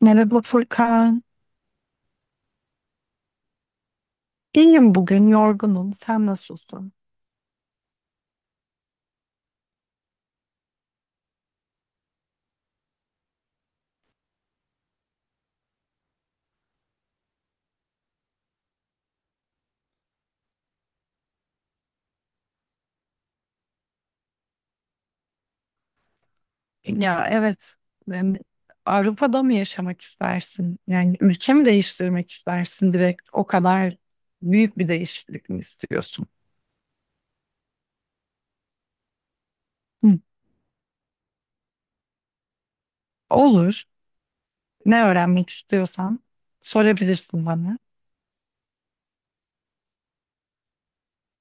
Merhaba Furkan. İyiyim bugün, yorgunum. Sen nasılsın? Ya evet, em, Avrupa'da mı yaşamak istersin? Yani ülke mi değiştirmek istersin direkt? O kadar büyük bir değişiklik mi istiyorsun? Hı, olur. Ne öğrenmek istiyorsan sorabilirsin bana.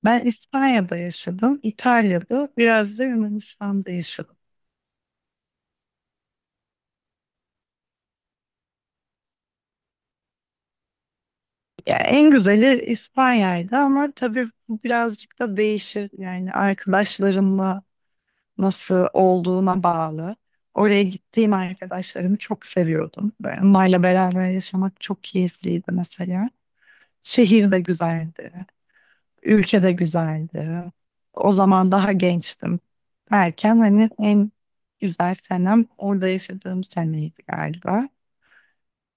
Ben İspanya'da yaşadım, İtalya'da, biraz da Yunanistan'da yaşadım. Ya en güzeli İspanya'ydı ama tabii bu birazcık da değişir. Yani arkadaşlarımla nasıl olduğuna bağlı. Oraya gittiğim arkadaşlarımı çok seviyordum. Böyle onlarla beraber yaşamak çok keyifliydi mesela. Şehir de güzeldi. Ülke de güzeldi. O zaman daha gençtim. Erken hani en güzel senem orada yaşadığım seneydi galiba.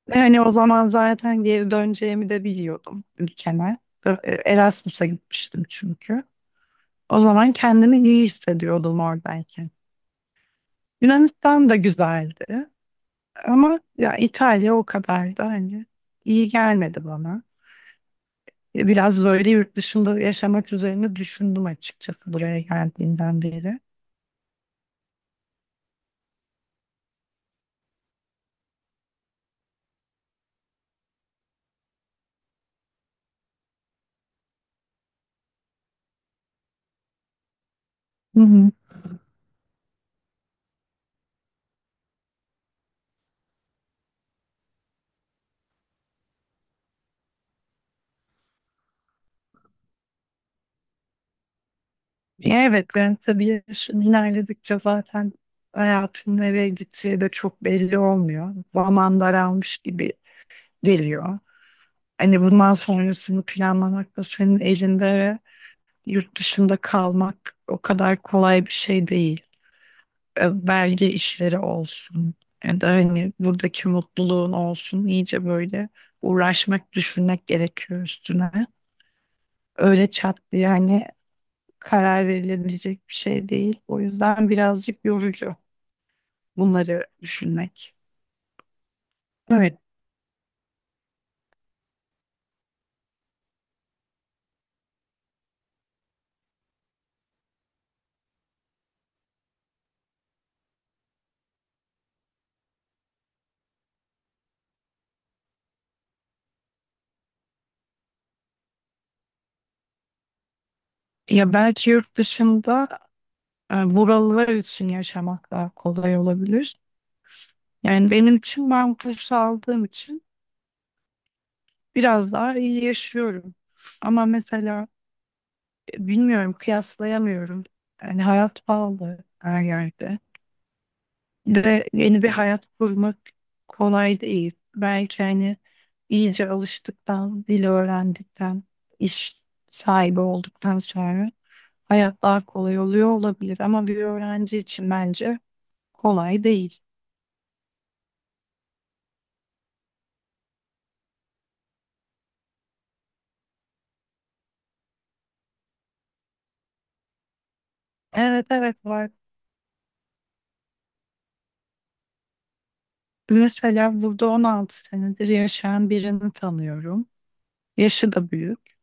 Ve hani o zaman zaten geri döneceğimi de biliyordum ülkeme. Erasmus'a gitmiştim çünkü. O zaman kendimi iyi hissediyordum oradayken. Yunanistan da güzeldi. Ama ya İtalya o kadar da hani iyi gelmedi bana. Biraz böyle yurt dışında yaşamak üzerine düşündüm açıkçası buraya geldiğinden beri. Hı hı. Evet, yani tabii yaşın ilerledikçe zaten hayatın nereye gideceği de çok belli olmuyor. Zaman daralmış gibi geliyor. Hani bundan sonrasını planlamak da senin elinde ve yurt dışında kalmak o kadar kolay bir şey değil. Belge işleri olsun. Yani da hani buradaki mutluluğun olsun. İyice böyle uğraşmak, düşünmek gerekiyor üstüne. Öyle çat diye hani karar verilebilecek bir şey değil. O yüzden birazcık yorucu bunları düşünmek. Evet. Ya belki yurt dışında buralılar için yaşamak daha kolay olabilir. Yani benim için ben kurs aldığım için biraz daha iyi yaşıyorum. Ama mesela bilmiyorum, kıyaslayamıyorum. Yani hayat pahalı her yerde. Bir de yeni bir hayat kurmak kolay değil. Belki hani iyice alıştıktan, dil öğrendikten, iş sahibi olduktan sonra hayat daha kolay oluyor olabilir. Ama bir öğrenci için bence kolay değil. Evet evet var. Mesela burada 16 senedir yaşayan birini tanıyorum. Yaşı da büyük.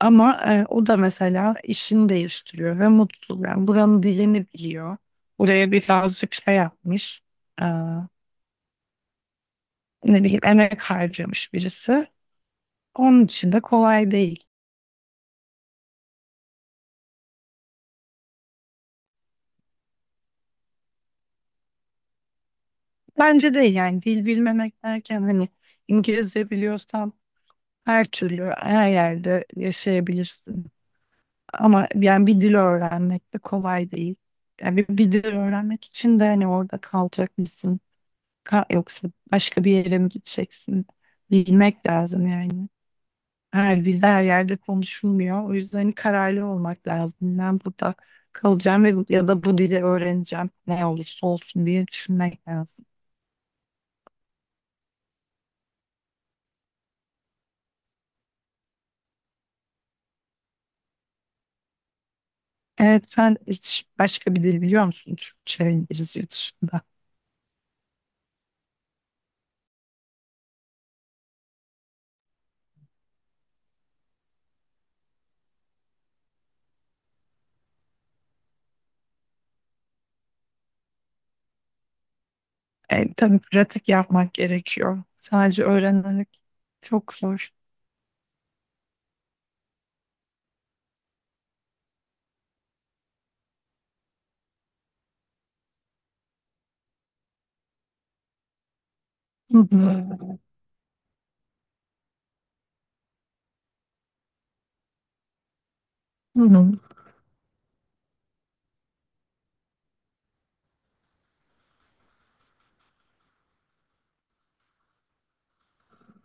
Ama o da mesela işini değiştiriyor ve mutlu. Yani buranın dilini biliyor. Buraya birazcık şey yapmış. e, ne bileyim emek harcamış birisi. Onun için de kolay değil. Bence değil yani dil bilmemek derken hani İngilizce biliyorsan her türlü her yerde yaşayabilirsin. Ama yani bir dil öğrenmek de kolay değil. Yani bir dil öğrenmek için de hani orada kalacak. Yoksa başka bir yere mi gideceksin? Bilmek lazım yani. Her dilde her yerde konuşulmuyor. O yüzden hani kararlı olmak lazım. Ben burada kalacağım ve ya da bu dili öğreneceğim. Ne olursa olsun diye düşünmek lazım. Evet sen hiç başka bir dil biliyor musun? Türkçe, İngilizce dışında. E, tabii pratik yapmak gerekiyor. Sadece öğrenerek çok zor. Hı hı. Hı hı.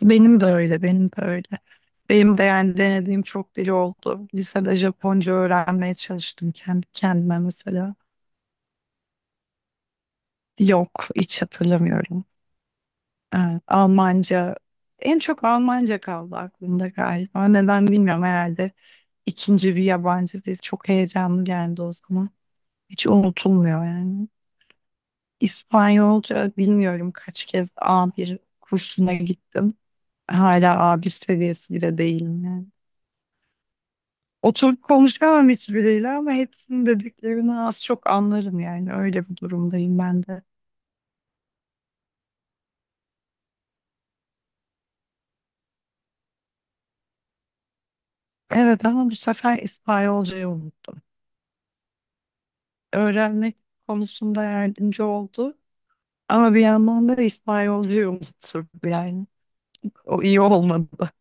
Benim de öyle, benim de öyle. Benim de yani denediğim çok dil oldu. Lisede Japonca öğrenmeye çalıştım kendi kendime mesela. Yok, hiç hatırlamıyorum. Evet, Almanca, en çok Almanca kaldı aklımda galiba. Neden bilmiyorum herhalde. İkinci bir yabancı dil çok heyecanlı geldi o zaman. Hiç unutulmuyor yani. İspanyolca bilmiyorum kaç kez a bir kursuna gittim. Hala A1 seviyesinde değilim yani. Oturup konuşamam hiçbiriyle ama hepsinin dediklerini az çok anlarım yani öyle bir durumdayım ben de. Evet ama bu sefer İspanyolcayı unuttum. Öğrenmek konusunda yardımcı oldu ama bir yandan da İspanyolcayı unuttum yani. O iyi olmadı.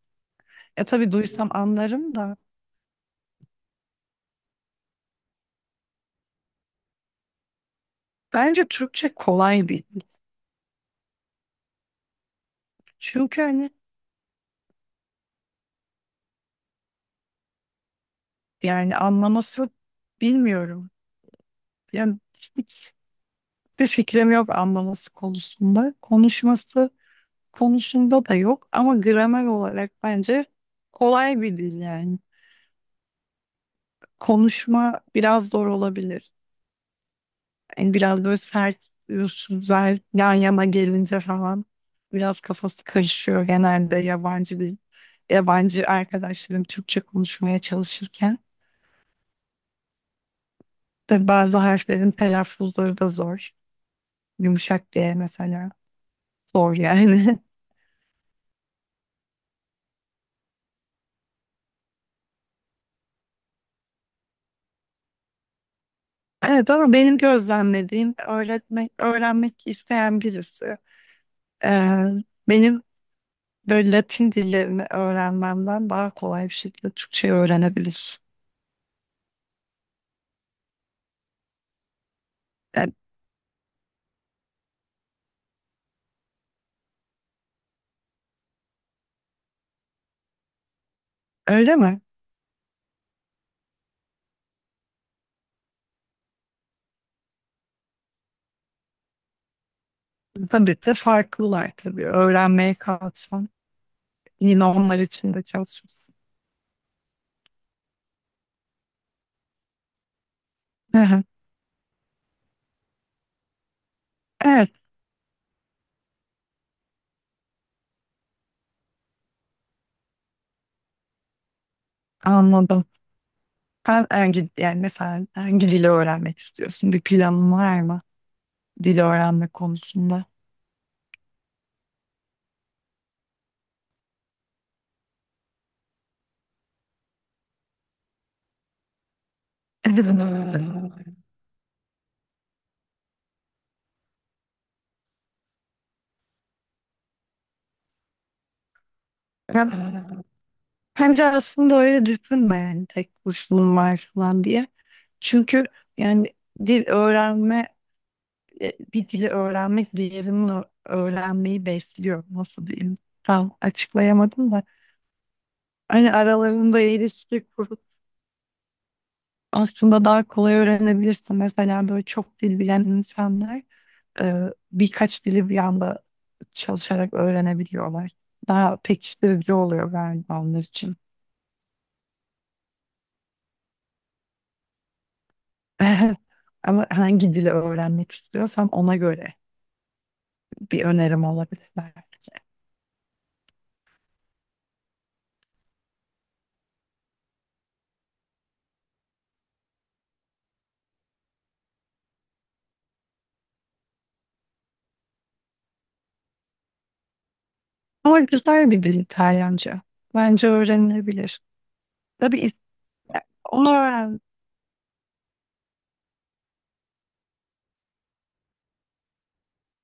E tabii duysam anlarım da. Bence Türkçe kolay bir. Çünkü hani yani anlaması bilmiyorum. Yani hiçbir fikrim yok anlaması konusunda. Konuşması konusunda da yok ama gramer olarak bence kolay bir dil yani. Konuşma biraz zor olabilir. Yani biraz böyle sert üsluplar yan yana gelince falan biraz kafası karışıyor genelde yabancı dil. Yabancı arkadaşlarım Türkçe konuşmaya çalışırken de bazı harflerin telaffuzları da zor. Yumuşak diye mesela zor yani. Evet ama benim gözlemlediğim öğretmek, öğrenmek isteyen birisi. Ee, benim böyle Latin dillerini öğrenmemden daha kolay bir şekilde Türkçeyi öğrenebilir. Yani öyle mi? Tabii de farklılar tabii. Öğrenmeye kalksan yine onlar için de çalışırsın. Hı hı. Evet anladım. Sen hangi, yani mesela hangi dili öğrenmek istiyorsun? Bir planın var mı? Dil öğrenme konusunda. Evet. Bence aslında öyle düşünme yani tek kuşluğum var falan diye. Çünkü yani dil öğrenme, bir dili öğrenmek diğerinin öğrenmeyi besliyor. Nasıl diyeyim? Tam açıklayamadım da. Hani aralarında ilişki kurup aslında daha kolay öğrenebilirsin. Mesela böyle çok dil bilen insanlar birkaç dili bir anda çalışarak öğrenebiliyorlar. Daha pekiştirici oluyor galiba onlar için. Ama hangi dili öğrenmek istiyorsam ona göre bir önerim olabilir belki. Ama güzel bir dil İtalyanca. Bence öğrenilebilir. Tabii onu öğren.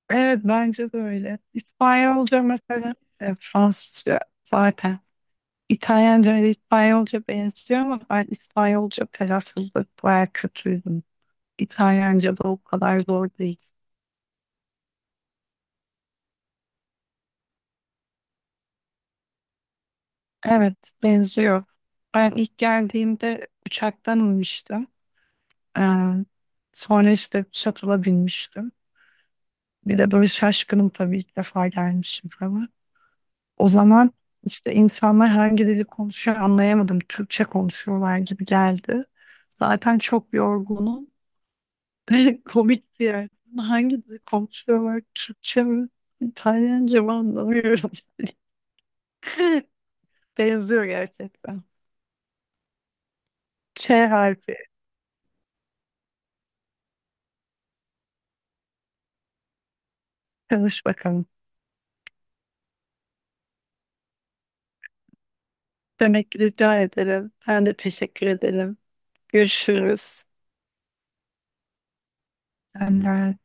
Evet bence de öyle. İspanyolca mesela Fransızca zaten. İtalyanca ile İspanyolca benziyor ama ben İspanyolca telaffuzda bayağı kötüydüm. İtalyanca da o kadar zor değil. Evet benziyor. Ben ilk geldiğimde uçaktan inmiştim. Ee, sonra işte shuttle'a binmiştim. Bir de böyle şaşkınım tabii ilk defa gelmişim falan. O zaman işte insanlar hangi dili konuşuyor anlayamadım. Türkçe konuşuyorlar gibi geldi. Zaten çok yorgunum. Komik bir yer. Hangi dili konuşuyorlar? Türkçe mi? İtalyanca mı anlamıyorum. Benziyor gerçekten. Ç harfi. Çalış bakalım. Demek ki rica ederim. Ben de teşekkür ederim. Görüşürüz. Ben de